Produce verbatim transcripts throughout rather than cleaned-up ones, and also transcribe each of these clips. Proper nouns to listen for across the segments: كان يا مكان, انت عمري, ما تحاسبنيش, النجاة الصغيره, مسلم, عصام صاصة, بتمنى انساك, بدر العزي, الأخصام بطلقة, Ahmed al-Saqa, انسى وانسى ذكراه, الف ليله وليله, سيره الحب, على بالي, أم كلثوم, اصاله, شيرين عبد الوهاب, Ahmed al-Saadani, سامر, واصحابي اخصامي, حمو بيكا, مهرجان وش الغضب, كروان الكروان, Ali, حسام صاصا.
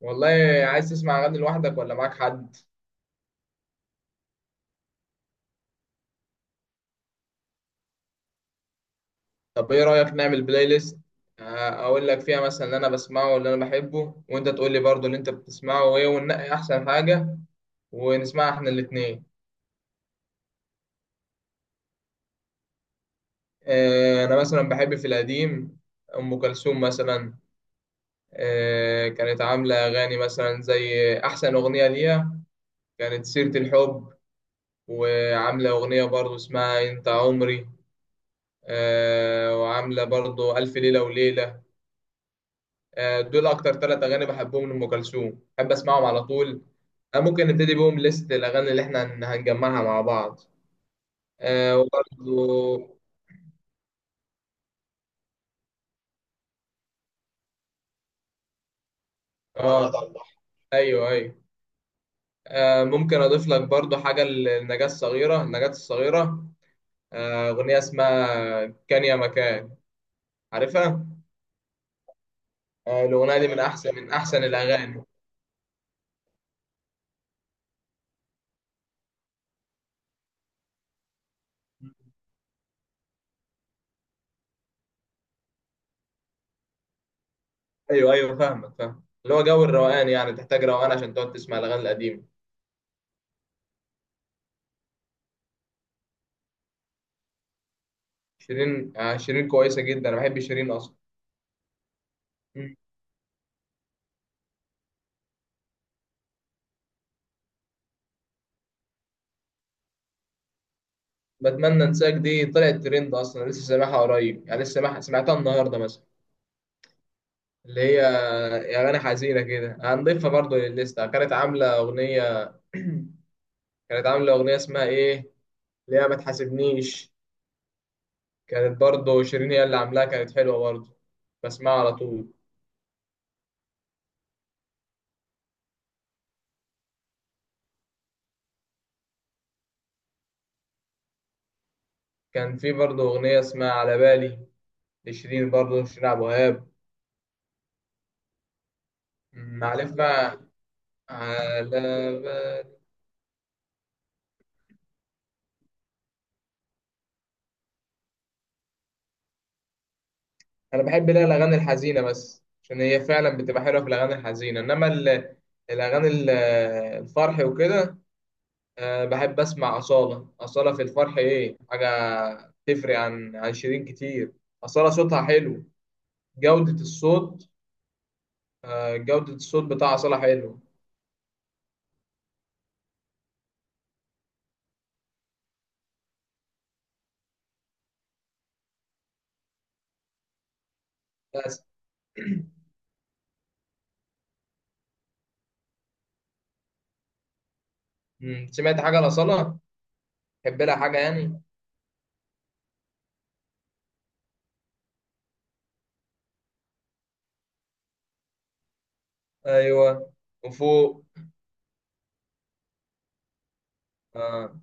والله. عايز تسمع اغاني لوحدك ولا معاك حد؟ طب ايه رايك نعمل بلاي ليست؟ آه، اقول لك فيها مثلا اللي انا بسمعه واللي انا بحبه، وانت تقول لي برضو اللي انت بتسمعه وايه، وننقي احسن حاجه ونسمعها احنا الاثنين. انا مثلا بحب في القديم ام كلثوم مثلا. آه، كانت عامله اغاني مثلا زي احسن اغنيه ليها كانت سيره الحب، وعامله اغنيه برضو اسمها انت عمري. آه، وعامله برضو الف ليله وليله. آه، دول اكتر ثلاث اغاني بحبهم لام كلثوم، بحب اسمعهم على طول. آه، ممكن نبتدي بيهم ليست الاغاني اللي احنا هن- هنجمعها مع بعض. آه، وبرضو مع بعض. اه، على الله. ايوه ايوه. آه، ممكن اضيف لك برضو حاجه للنجاة الصغيره. النجاة الصغيره آه، اغنيه اسمها كان يا مكان، عارفها؟ آه، الاغنيه دي من عارف احسن من احسن الاغاني. ايوه ايوه، فاهمك، فاهم اللي هو جو الروقان، يعني تحتاج روقان عشان تقعد تسمع الاغاني القديمه. شيرين؟ آه، شيرين كويسه جدا، انا بحب شيرين اصلا. بتمنى انساك دي طلعت ترند، اصلا لسه سامعها قريب، يعني لسه سامعها، سمعتها النهارده مثلا. اللي هي يا اغاني حزينه كده هنضيفها برضو للليسته. كانت عامله اغنيه كانت عامله اغنيه اسمها ايه اللي هي ما تحاسبنيش، كانت برضو شيرين هي اللي عاملاها، كانت حلوه برضو، بسمعها على طول. كان في برضو اغنيه اسمها على بالي لشيرين، برضو شيرين عبد الوهاب. معلف بقى. على بالي. انا بحب لا الاغاني الحزينه بس عشان هي فعلا بتبقى حلوه في الاغاني الحزينه، انما ال- الاغاني ال- الفرح وكده. آه، بحب اسمع اصاله، اصاله في الفرح ايه حاجه تفرق عن عن شيرين كتير. اصاله صوتها حلو، جوده الصوت. آه، جوده الصوت بتاع اصاله حلو. بس. مم، سمعت حاجه لاصاله؟ تحب لها حاجه يعني؟ ايوه، وفوق. آه.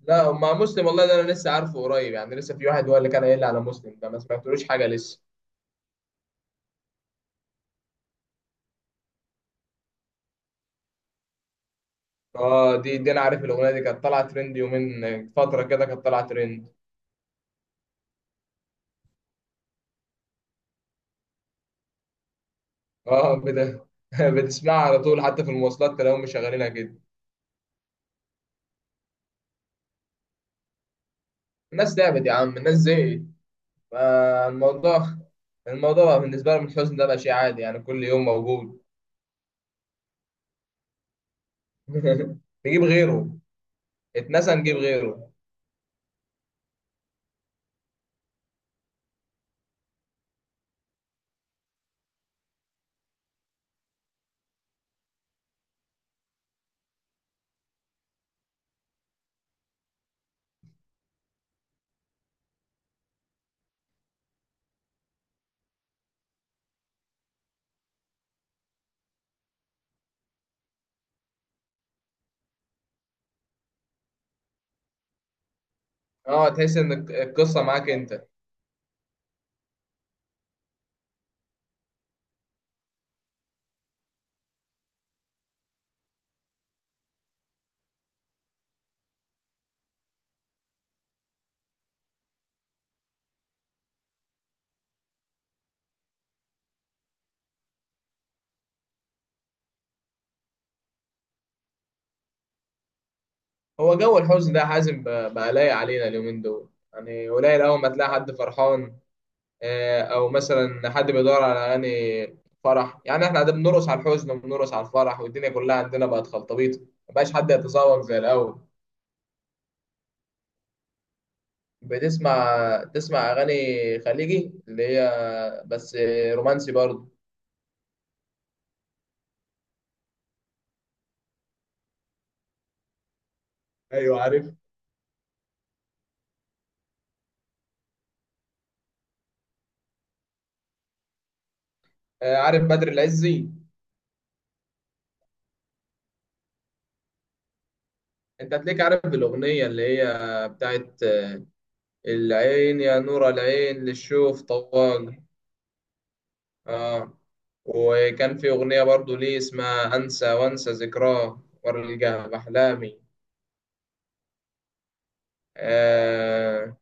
لا مع مسلم والله ده انا لسه عارفه قريب، يعني لسه في واحد هو اللي كان قايل لي على مسلم ده، ما سمعتلوش حاجه لسه. اه، دي دي انا عارف الاغنيه دي كانت طالعه ترند يومين، فتره كده كانت طالعه ترند. اه بت... بتسمعها على طول، حتى في المواصلات تلاقيهم مشغلينها كده. الناس تعبت يا عم، الناس زهقت. فالموضوع الموضوع بقى بالنسبه لهم الحزن ده بقى شيء عادي، يعني كل يوم موجود. نجيب غيره. اتنسى نجيب غيره. اه، تحس ان الق- القصه معاك انت. هو جو الحزن ده يا حازم بقى بقى لايق علينا اليومين دول، يعني قليل اول ما تلاقي حد فرحان. آه، او مثلا حد بيدور على اغاني فرح. يعني احنا قاعدين بنرقص على الحزن وبنرقص على الفرح، والدنيا كلها عندنا بقت خلطبيط، مبقاش حد يتذوق زي الاول. بتسمع تسمع اغاني خليجي اللي هي بس آه، رومانسي برضه؟ ايوه عارف. آه، عارف بدر العزي؟ انت هتلاقيك عارف الاغنيه اللي هي بتاعت آه، العين يا نور العين للشوف طواق. اه، وكان في اغنيه برضه ليه اسمها انسى وانسى ذكراه وارجع باحلامي. آه،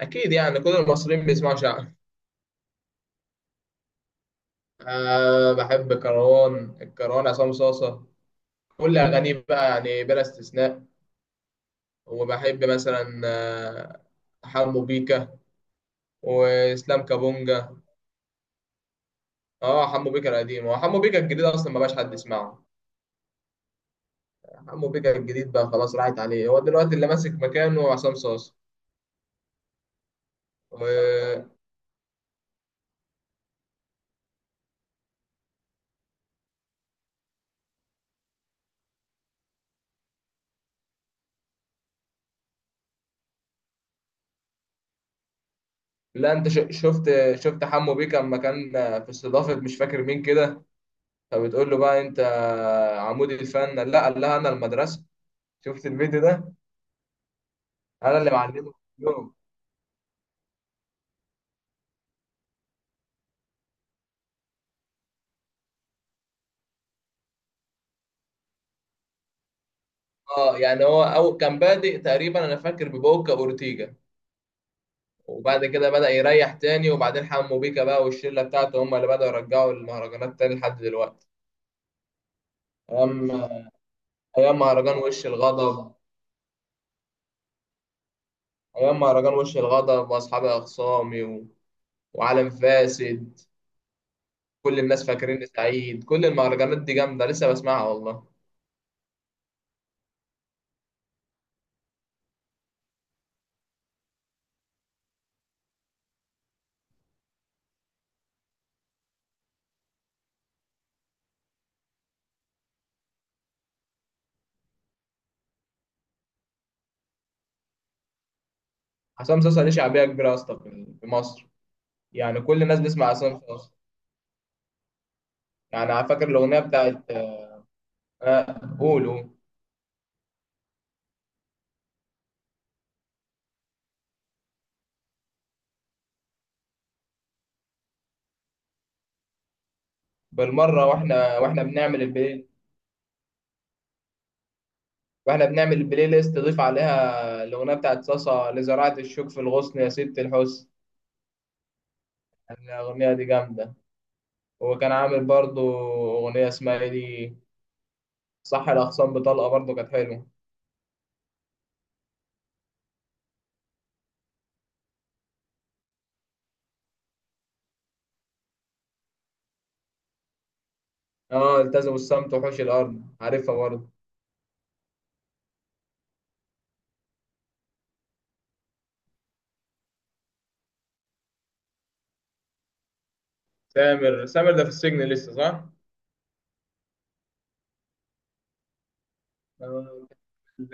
أكيد يعني كل المصريين بيسمعوا شعبي. أه بحب كروان، الكروان عصام صاصة، كل أغانيه بقى يعني بلا استثناء. وبحب مثلا آه، حمو بيكا وإسلام كابونجا. اه، حمو بيكا القديم، هو حمو بيكا الجديد أصلا ما بقاش حد يسمعه. حمو بيكا الجديد بقى خلاص راحت عليه، هو دلوقتي اللي ماسك مكانه عصام صاصة و... لا انت ش- شفت، شفت حمو بيكا لما كان في استضافة مش فاكر مين كده، فبتقول له بقى انت عمود الفن، لا قال لها انا المدرسه. شفت الفيديو ده؟ انا اللي معلمه كلهم. اه يعني هو أو كان بادئ تقريبا انا فاكر ببوكا اورتيجا، وبعد كده بدأ يريح تاني، وبعدين حمو بيكا بقى والشله بتاعته هم اللي بدأوا يرجعوا المهرجانات تاني لحد دلوقتي. ايام، ايام مهرجان وش الغضب. ايام مهرجان وش الغضب واصحابي اخصامي و... وعالم فاسد. كل الناس فاكريني سعيد. كل المهرجانات دي جامده لسه بسمعها والله. حسام صاصا ليه شعبيه كبيره يا اسطى في في مصر؟ يعني كل الناس بتسمع عصام صاصا. يعني على فاكر الأغنية بتاعت آه، قولوا. بالمرة واحنا واحنا بنعمل البلاي، واحنا بنعمل البلاي ليست ضيف عليها الأغنية بتاعت صاصا لزراعة الشوك في الغصن يا ست الحسن. الأغنية دي جامدة. وكان عامل برضو أغنية اسمها إيه دي، صح، الأخصام بطلقة برضو كانت حلوة. اه التزموا الصمت وحوش الأرض عارفها برضو. سامر سامر ده في السجن لسه صح؟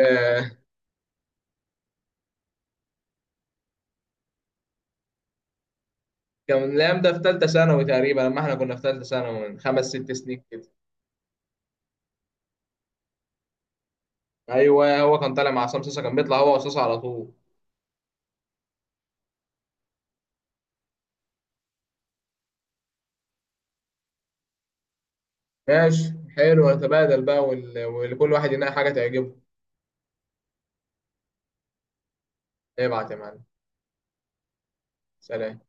آه. كان الكلام ده في ثالثه ثانوي تقريبا لما احنا كنا في ثالثه ثانوي، من خمس ست سنين كده. ايوه هو كان طالع مع عصام صاصا، كان بيطلع هو وصاصا على طول. ماشي حلو، نتبادل بقى، وال... وكل واحد ينقي حاجه تعجبه. ابعت يا معلم. سلام.